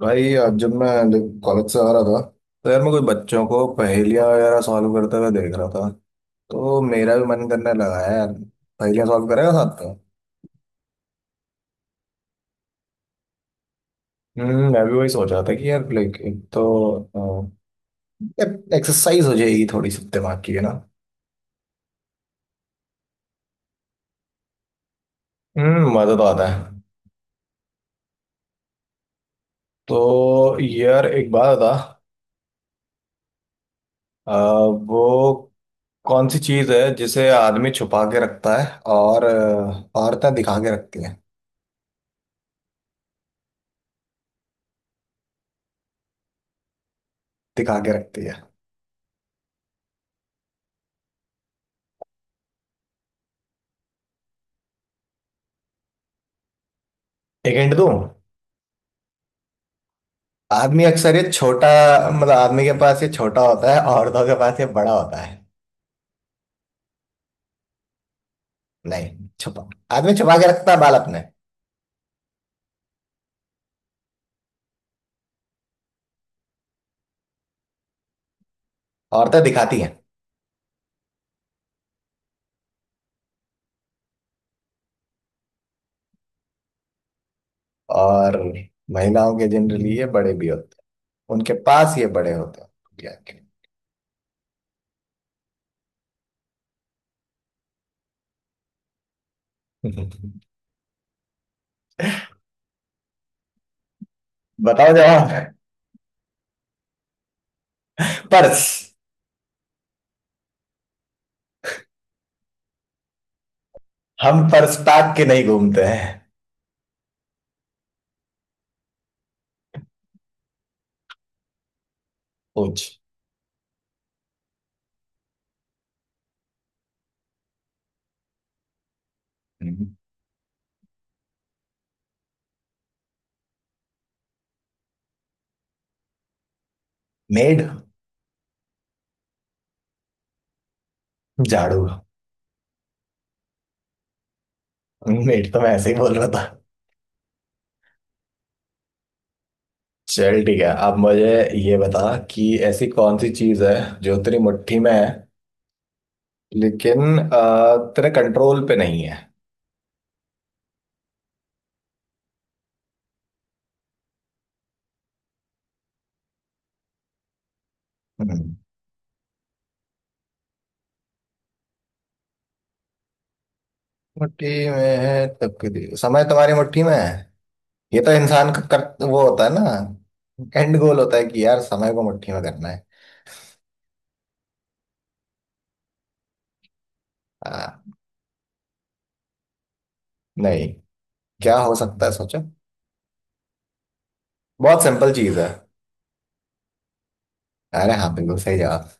भाई, आज जब मैं कॉलेज से आ रहा था तो यार मैं कुछ बच्चों को पहेलियां वगैरह सॉल्व करते हुए देख रहा था। तो मेरा भी मन करने लगा है यार पहेलियां सॉल्व करेगा साथ में। मैं भी वही सोच रहा था कि यार लाइक एक तो एक्सरसाइज हो जाएगी थोड़ी सी दिमाग की, है ना। मजा तो आता है। तो यार एक बात बता। अ, वो कौन सी चीज है जिसे आदमी छुपा के रखता है और औरतें दिखा के रखती हैं। दिखा के रखती है। एक हिंट दूं। आदमी अक्सर ये छोटा, मतलब आदमी के पास ये छोटा होता है, औरतों के पास ये बड़ा होता है। नहीं छुपा। आदमी छुपा के रखता है बाल अपने। औरतें दिखाती हैं। और महिलाओं के जनरली ये बड़े भी होते हैं, उनके पास ये बड़े होते हैं दुनिया के। बताओ जवाब। पर्स। हम पर्स पैक के नहीं घूमते हैं। पूछ। मेड। झाड़ू। मेड तो मैं ऐसे ही बोल रहा था। चल ठीक है, अब मुझे ये बता कि ऐसी कौन सी चीज है जो तेरी मुट्ठी में है लेकिन तेरे कंट्रोल पे नहीं है। हम्म। मुट्ठी में है तकदीर, समय तुम्हारी मुट्ठी में है। ये तो इंसान का वो होता है ना एंड गोल होता है कि यार समय को मुट्ठी में करना है। हाँ, नहीं। क्या हो सकता है सोचो, बहुत सिंपल चीज है। अरे हाँ, बिल्कुल सही जवाब।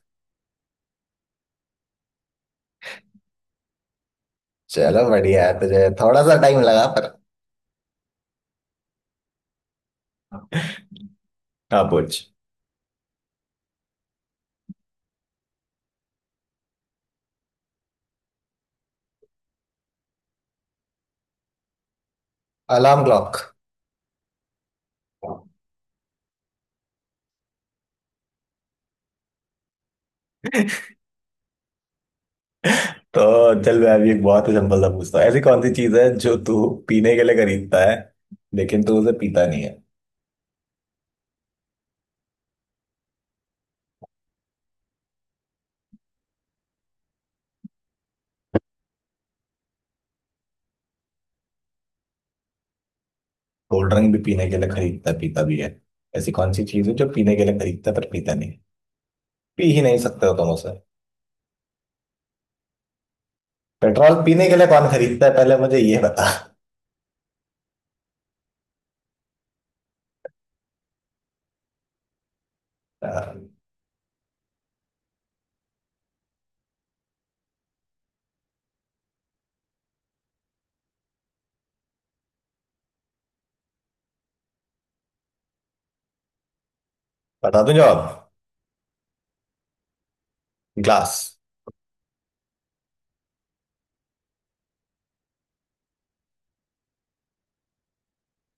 चलो बढ़िया है, तुझे थोड़ा सा टाइम लगा पर। हाँ पूछ। Alarm clock. तो चल, मैं अभी एक बहुत ही सिंपल सा पूछता हूँ। ऐसी कौन सी चीज है जो तू पीने के लिए खरीदता है लेकिन तू उसे पीता नहीं है। कोल्ड ड्रिंक भी पीने के लिए खरीदता पीता भी है। ऐसी कौन सी चीज है जो पीने के लिए खरीदता है पर पीता नहीं। पी ही नहीं सकते हो तुम उसे। पेट्रोल पीने के लिए कौन खरीदता है, पहले मुझे ये बता। अ, बता दूं जवाब। ग्लास।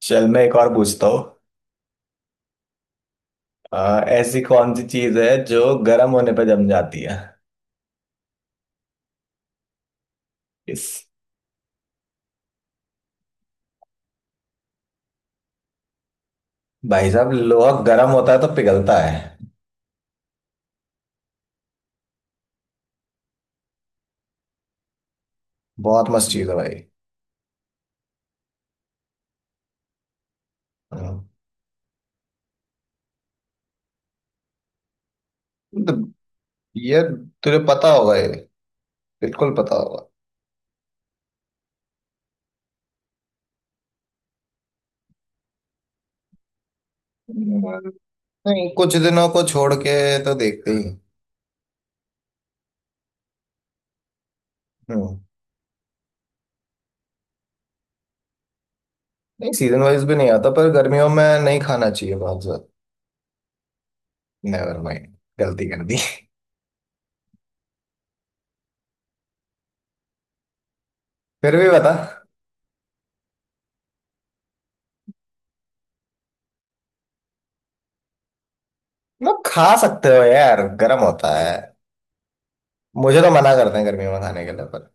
चल मैं एक और पूछता हूँ। ऐसी कौन सी चीज है जो गर्म होने पर जम जाती है। इस भाई साहब, लोहा गर्म होता है तो पिघलता है। बहुत मस्त चीज है भाई। हाँ। मतलब, ये तुझे पता होगा, ये बिल्कुल पता होगा। नहीं कुछ दिनों को छोड़ के तो देखते ही। हम्म। नहीं, सीजन वाइज भी नहीं आता पर गर्मियों में नहीं खाना चाहिए बहुत ज्यादा। Never mind. गलती कर दी। फिर भी बता। मतलब खा सकते हो यार, गर्म होता है। मुझे तो मना करते हैं गर्मियों में खाने के लिए पर।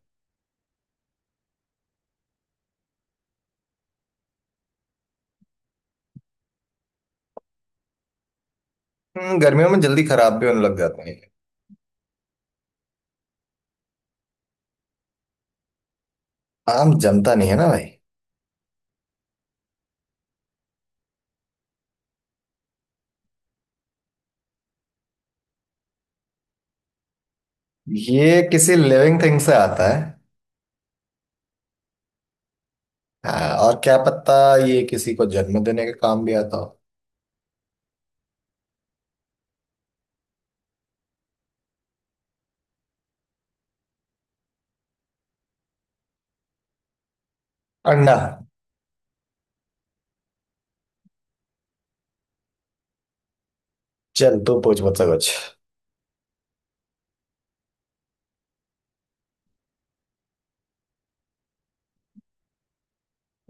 गर्मियों में जल्दी खराब भी होने लग जाते हैं। आम जमता नहीं है ना भाई। ये किसी लिविंग थिंग से आता है। हाँ, और क्या पता ये किसी को जन्म देने का काम भी आता हो। अंडा। चल तू पूछ मुझसे कुछ।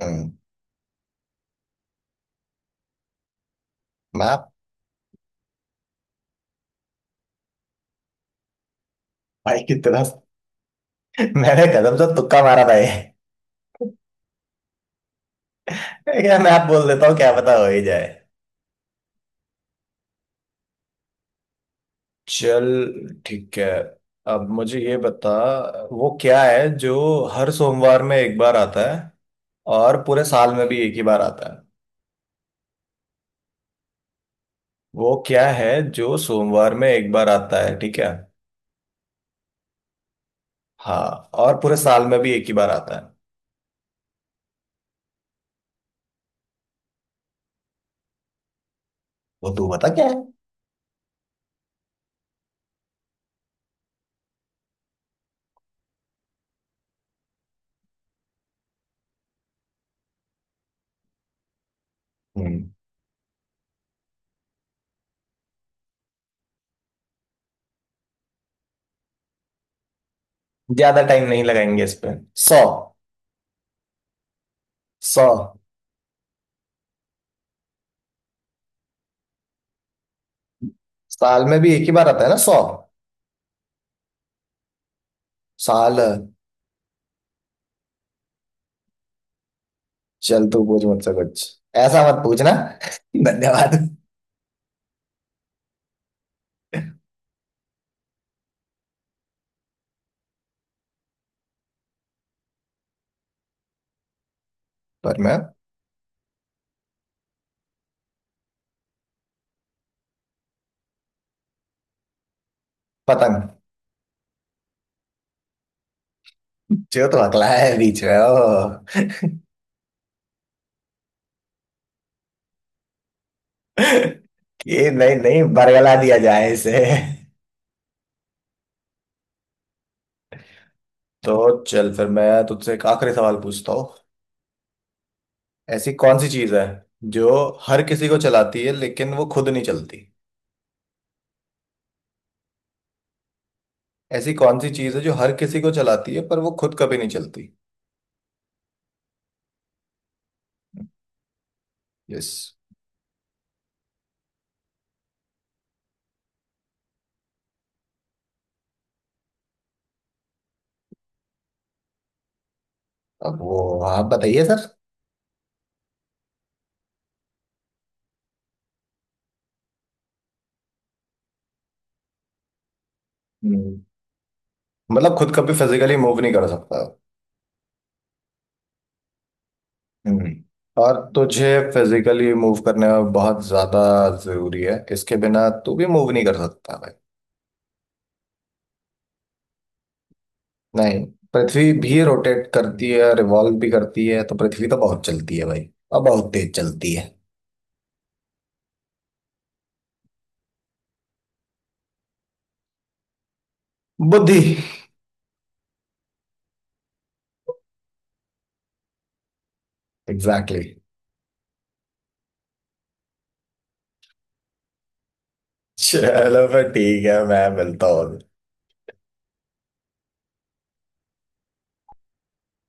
हम्म। मैं। भाई कितना। मैंने कदम से तुक्का मारा था ये। यार मैं आप बोल देता हूँ, क्या पता हो ही जाए। चल। ठीक है, अब मुझे ये बता, वो क्या है जो हर सोमवार में एक बार आता है और पूरे साल में भी एक ही बार आता है। वो क्या है जो सोमवार में एक बार आता है, ठीक है। हाँ, और पूरे साल में भी एक ही बार आता है। वो तू बता क्या है। हम्म। ज्यादा टाइम नहीं लगाएंगे इस पे। सौ। सौ। साल में भी एक ही बार आता है ना, सौ। साल। चल तू पूछ मुझसे कुछ, ऐसा मत पूछना। धन्यवाद। पर मैं। पतंग। जो तो अगला है बीच में ओ। कि नहीं, नहीं, बरगला दिया जाए इसे। तो चल फिर मैं तुझसे एक आखिरी सवाल पूछता हूँ। ऐसी कौन सी चीज है जो हर किसी को चलाती है लेकिन वो खुद नहीं चलती। ऐसी कौन सी चीज है जो हर किसी को चलाती है पर वो खुद कभी नहीं चलती। यस। अब वो आप बताइए सर। हम्म। मतलब खुद कभी फिजिकली मूव नहीं कर सकता। हम्म। और तुझे फिजिकली मूव करने में बहुत ज्यादा जरूरी है, इसके बिना तू भी मूव नहीं कर सकता भाई। नहीं। पृथ्वी भी रोटेट करती है, रिवॉल्व भी करती है, तो पृथ्वी तो बहुत चलती है भाई और बहुत तेज चलती है। बुद्धि। Exactly exactly। चलो फिर ठीक है, मैं मिलता हूँ।